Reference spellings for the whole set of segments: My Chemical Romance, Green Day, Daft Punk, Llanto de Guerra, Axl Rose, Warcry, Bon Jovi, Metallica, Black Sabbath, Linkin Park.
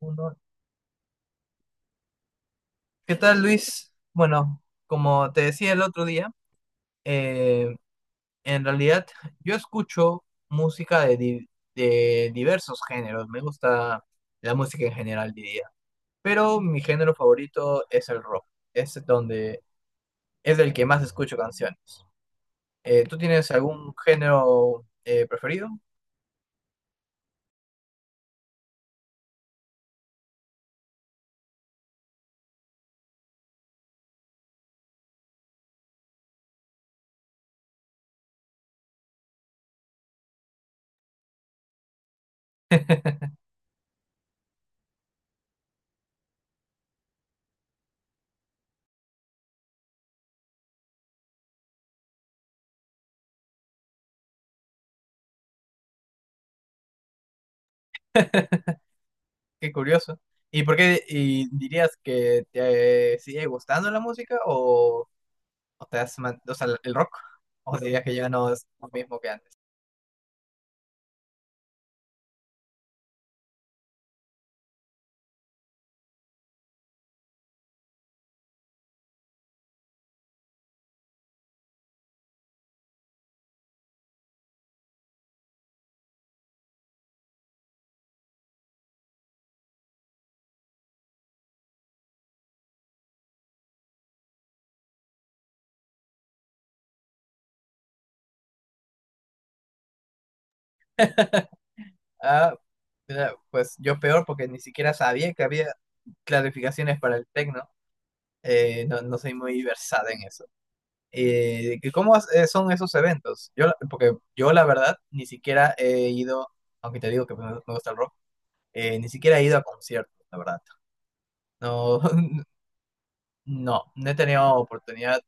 Uno. ¿Qué tal, Luis? Bueno, como te decía el otro día, eh, en realidad yo escucho música de diversos géneros. Me gusta la música en general, diría. Pero mi género favorito es el rock. Es donde es el que más escucho canciones. ¿Tú tienes algún género preferido? Qué curioso. ¿Y por qué y dirías que te sigue gustando la música? O ¿O o sea, el rock? ¿O dirías que ya no es lo mismo que antes? Ah, mira, pues yo peor porque ni siquiera sabía que había clarificaciones para el techno. No, no soy muy versada en eso. ¿Y son esos eventos? Porque yo la verdad ni siquiera he ido, aunque te digo que me gusta el rock, ni siquiera he ido a conciertos, la verdad. No. No, no he tenido oportunidad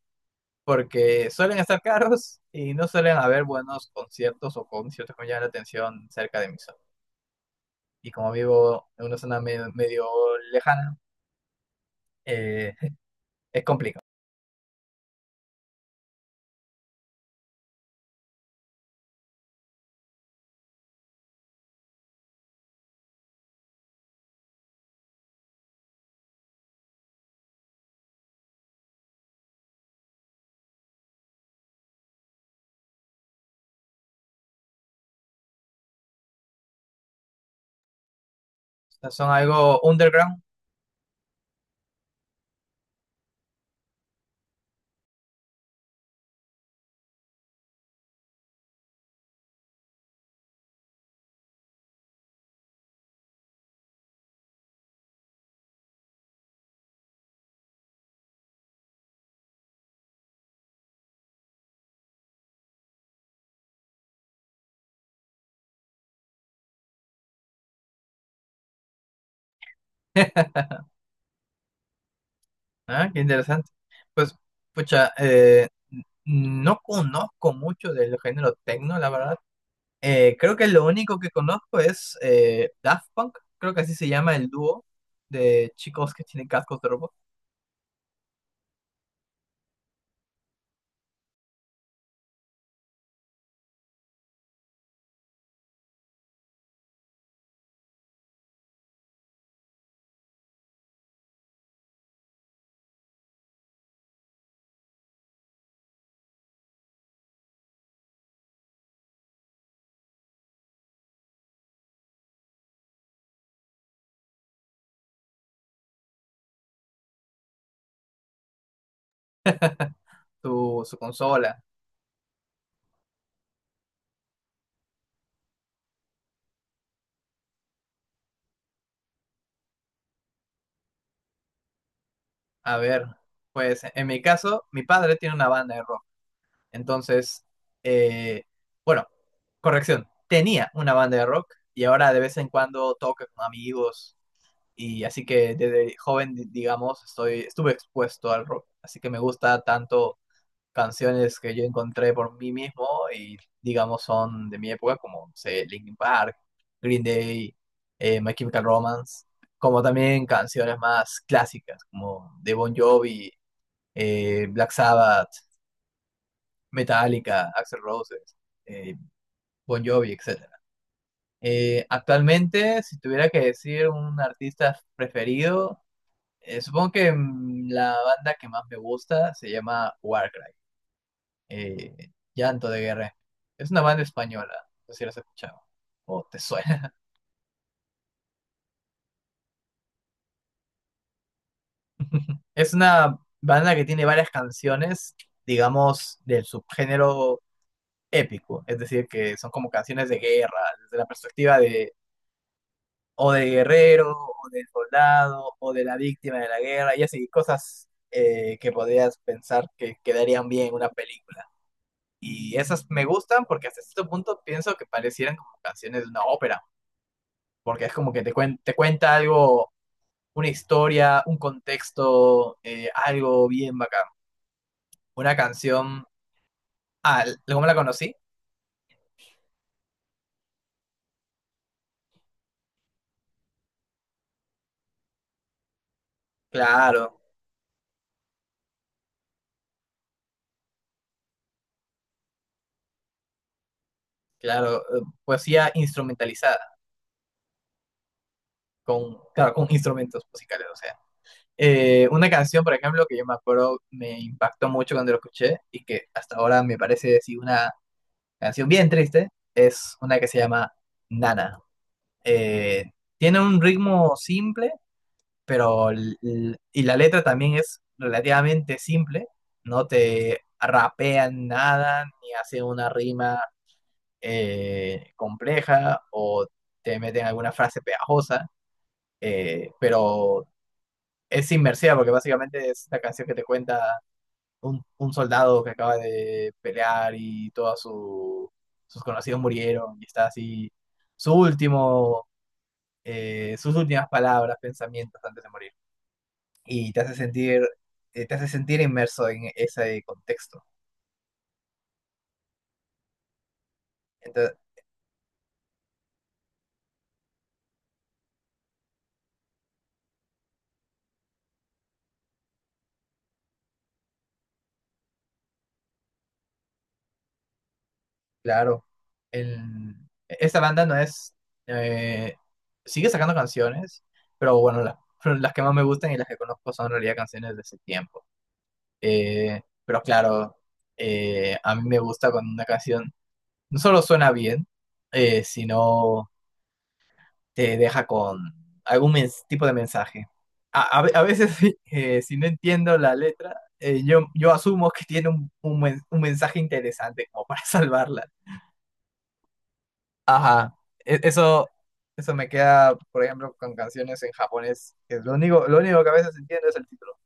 porque suelen estar caros y no suelen haber buenos conciertos o conciertos que me llamen la atención cerca de mi zona. Y como vivo en una zona medio lejana, eh, es complicado. O sea, son algo underground. ¿Ah? Qué interesante. Pues, pucha, no conozco mucho del género techno, la verdad. Creo que lo único que conozco es Daft Punk, creo que así se llama el dúo de chicos que tienen cascos de robot, su consola. A ver, pues en mi caso, mi padre tiene una banda de rock. Entonces, eh, bueno, corrección, tenía una banda de rock y ahora de vez en cuando toca con amigos, y así que desde joven, digamos, estuve expuesto al rock. Así que me gusta tanto canciones que yo encontré por mí mismo y digamos son de mi época como, no sé, Linkin Park, Green Day, My Chemical Romance, como también canciones más clásicas como de Bon Jovi, Black Sabbath, Metallica, Axl Rose, eh, Bon Jovi, etcétera. Actualmente, si tuviera que decir un artista preferido, supongo que la banda que más me gusta se llama Warcry, Llanto de Guerra. Es una banda española, no sé si la has escuchado o te suena. Es una banda que tiene varias canciones, digamos, del subgénero épico, es decir, que son como canciones de guerra, desde la perspectiva de o de guerrero, o del soldado, o de la víctima de la guerra, y así, cosas, que podrías pensar que quedarían bien en una película. Y esas me gustan porque hasta cierto punto pienso que parecieran como canciones de una ópera, porque es como que te cuenta algo, una historia, un contexto, algo bien bacán. Una canción, ah, ¿cómo la conocí? Claro, claro, poesía instrumentalizada, con, claro, con instrumentos musicales, o sea. Una canción, por ejemplo, que yo me acuerdo me impactó mucho cuando lo escuché y que hasta ahora me parece, sí, una canción bien triste, es una que se llama Nana. Eh, Tiene un ritmo simple, pero y la letra también es relativamente simple, no te rapean nada ni hacen una rima compleja o te meten alguna frase pegajosa, pero es inmersiva porque básicamente es la canción que te cuenta un soldado que acaba de pelear y todos sus conocidos murieron y está así su último, sus últimas palabras, pensamientos antes de morir. Y te hace sentir inmerso en ese contexto. Entonces, claro, el- esta banda no es, eh, sigue sacando canciones, pero bueno, pero las que más me gustan y las que conozco son en realidad canciones de ese tiempo. Pero claro, a mí me gusta cuando una canción no solo suena bien, sino te deja con algún tipo de mensaje. A veces, si no entiendo la letra, yo asumo que tiene un men- un mensaje interesante como para salvarla. Ajá, e- eso, eso me queda, por ejemplo, con canciones en japonés, que es lo único que a veces entiendo es el título.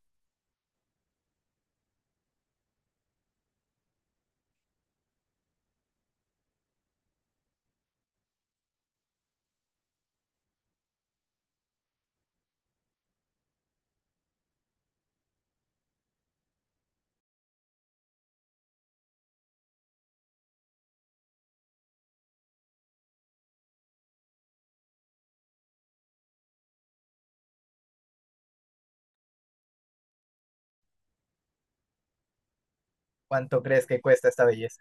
¿Cuánto crees que cuesta esta belleza?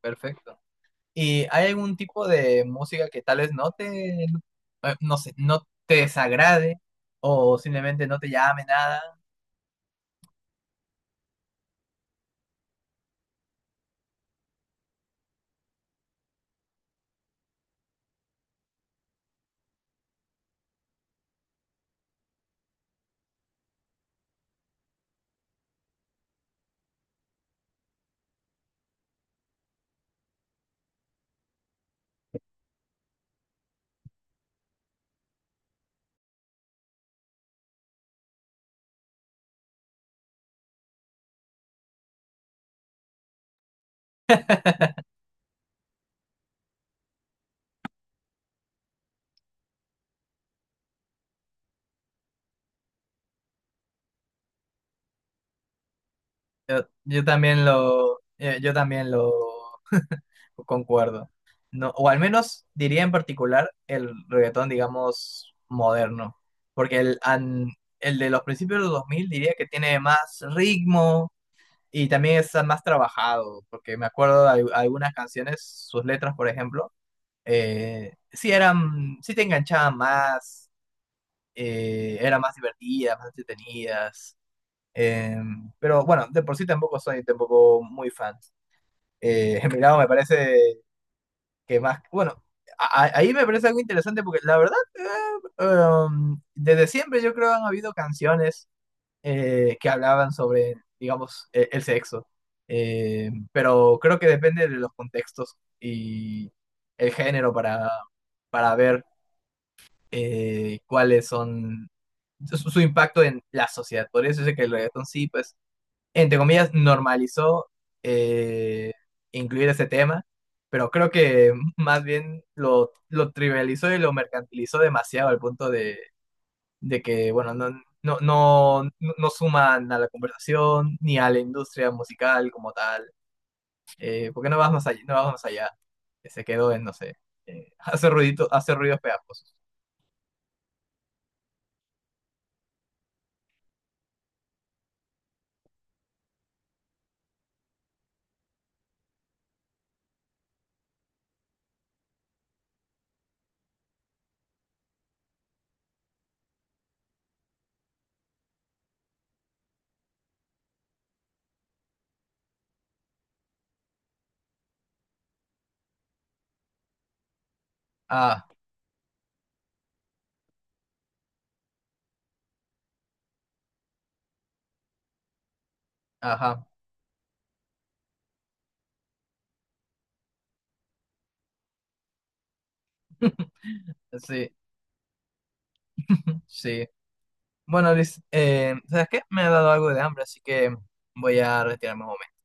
Perfecto. ¿Y hay algún tipo de música que tal vez no te, no sé, no te desagrade o simplemente no te llame nada? Yo también lo concuerdo. No, o al menos diría en particular el reggaetón, digamos, moderno. Porque el de los principios de los 2000 diría que tiene más ritmo y también está más trabajado. Porque me acuerdo de algunas canciones, sus letras, por ejemplo, sí eran, sí te enganchaban más, eran más divertidas, más entretenidas. eh, pero bueno, de por sí tampoco soy tampoco muy fan. Milagro me parece que más, bueno, ahí me parece algo interesante porque la verdad, desde siempre yo creo han habido canciones, que hablaban sobre, digamos, el sexo. Pero creo que depende de los contextos y el género para, ver cuáles son su impacto en la sociedad. Por eso sé que el reggaetón sí, pues, entre comillas, normalizó, eh, incluir ese tema, pero creo que más bien lo trivializó y lo mercantilizó demasiado al punto de que, bueno, no suman a la conversación ni a la industria musical como tal. ¿Por qué no vas más allá? No vamos más allá. Que se quedó en, no sé, hace ruidito, hace ruidos pegajosos. Ah, ajá. Sí, sí. Bueno, Liz, ¿sabes qué? Me ha dado algo de hambre, así que voy a retirarme un momento.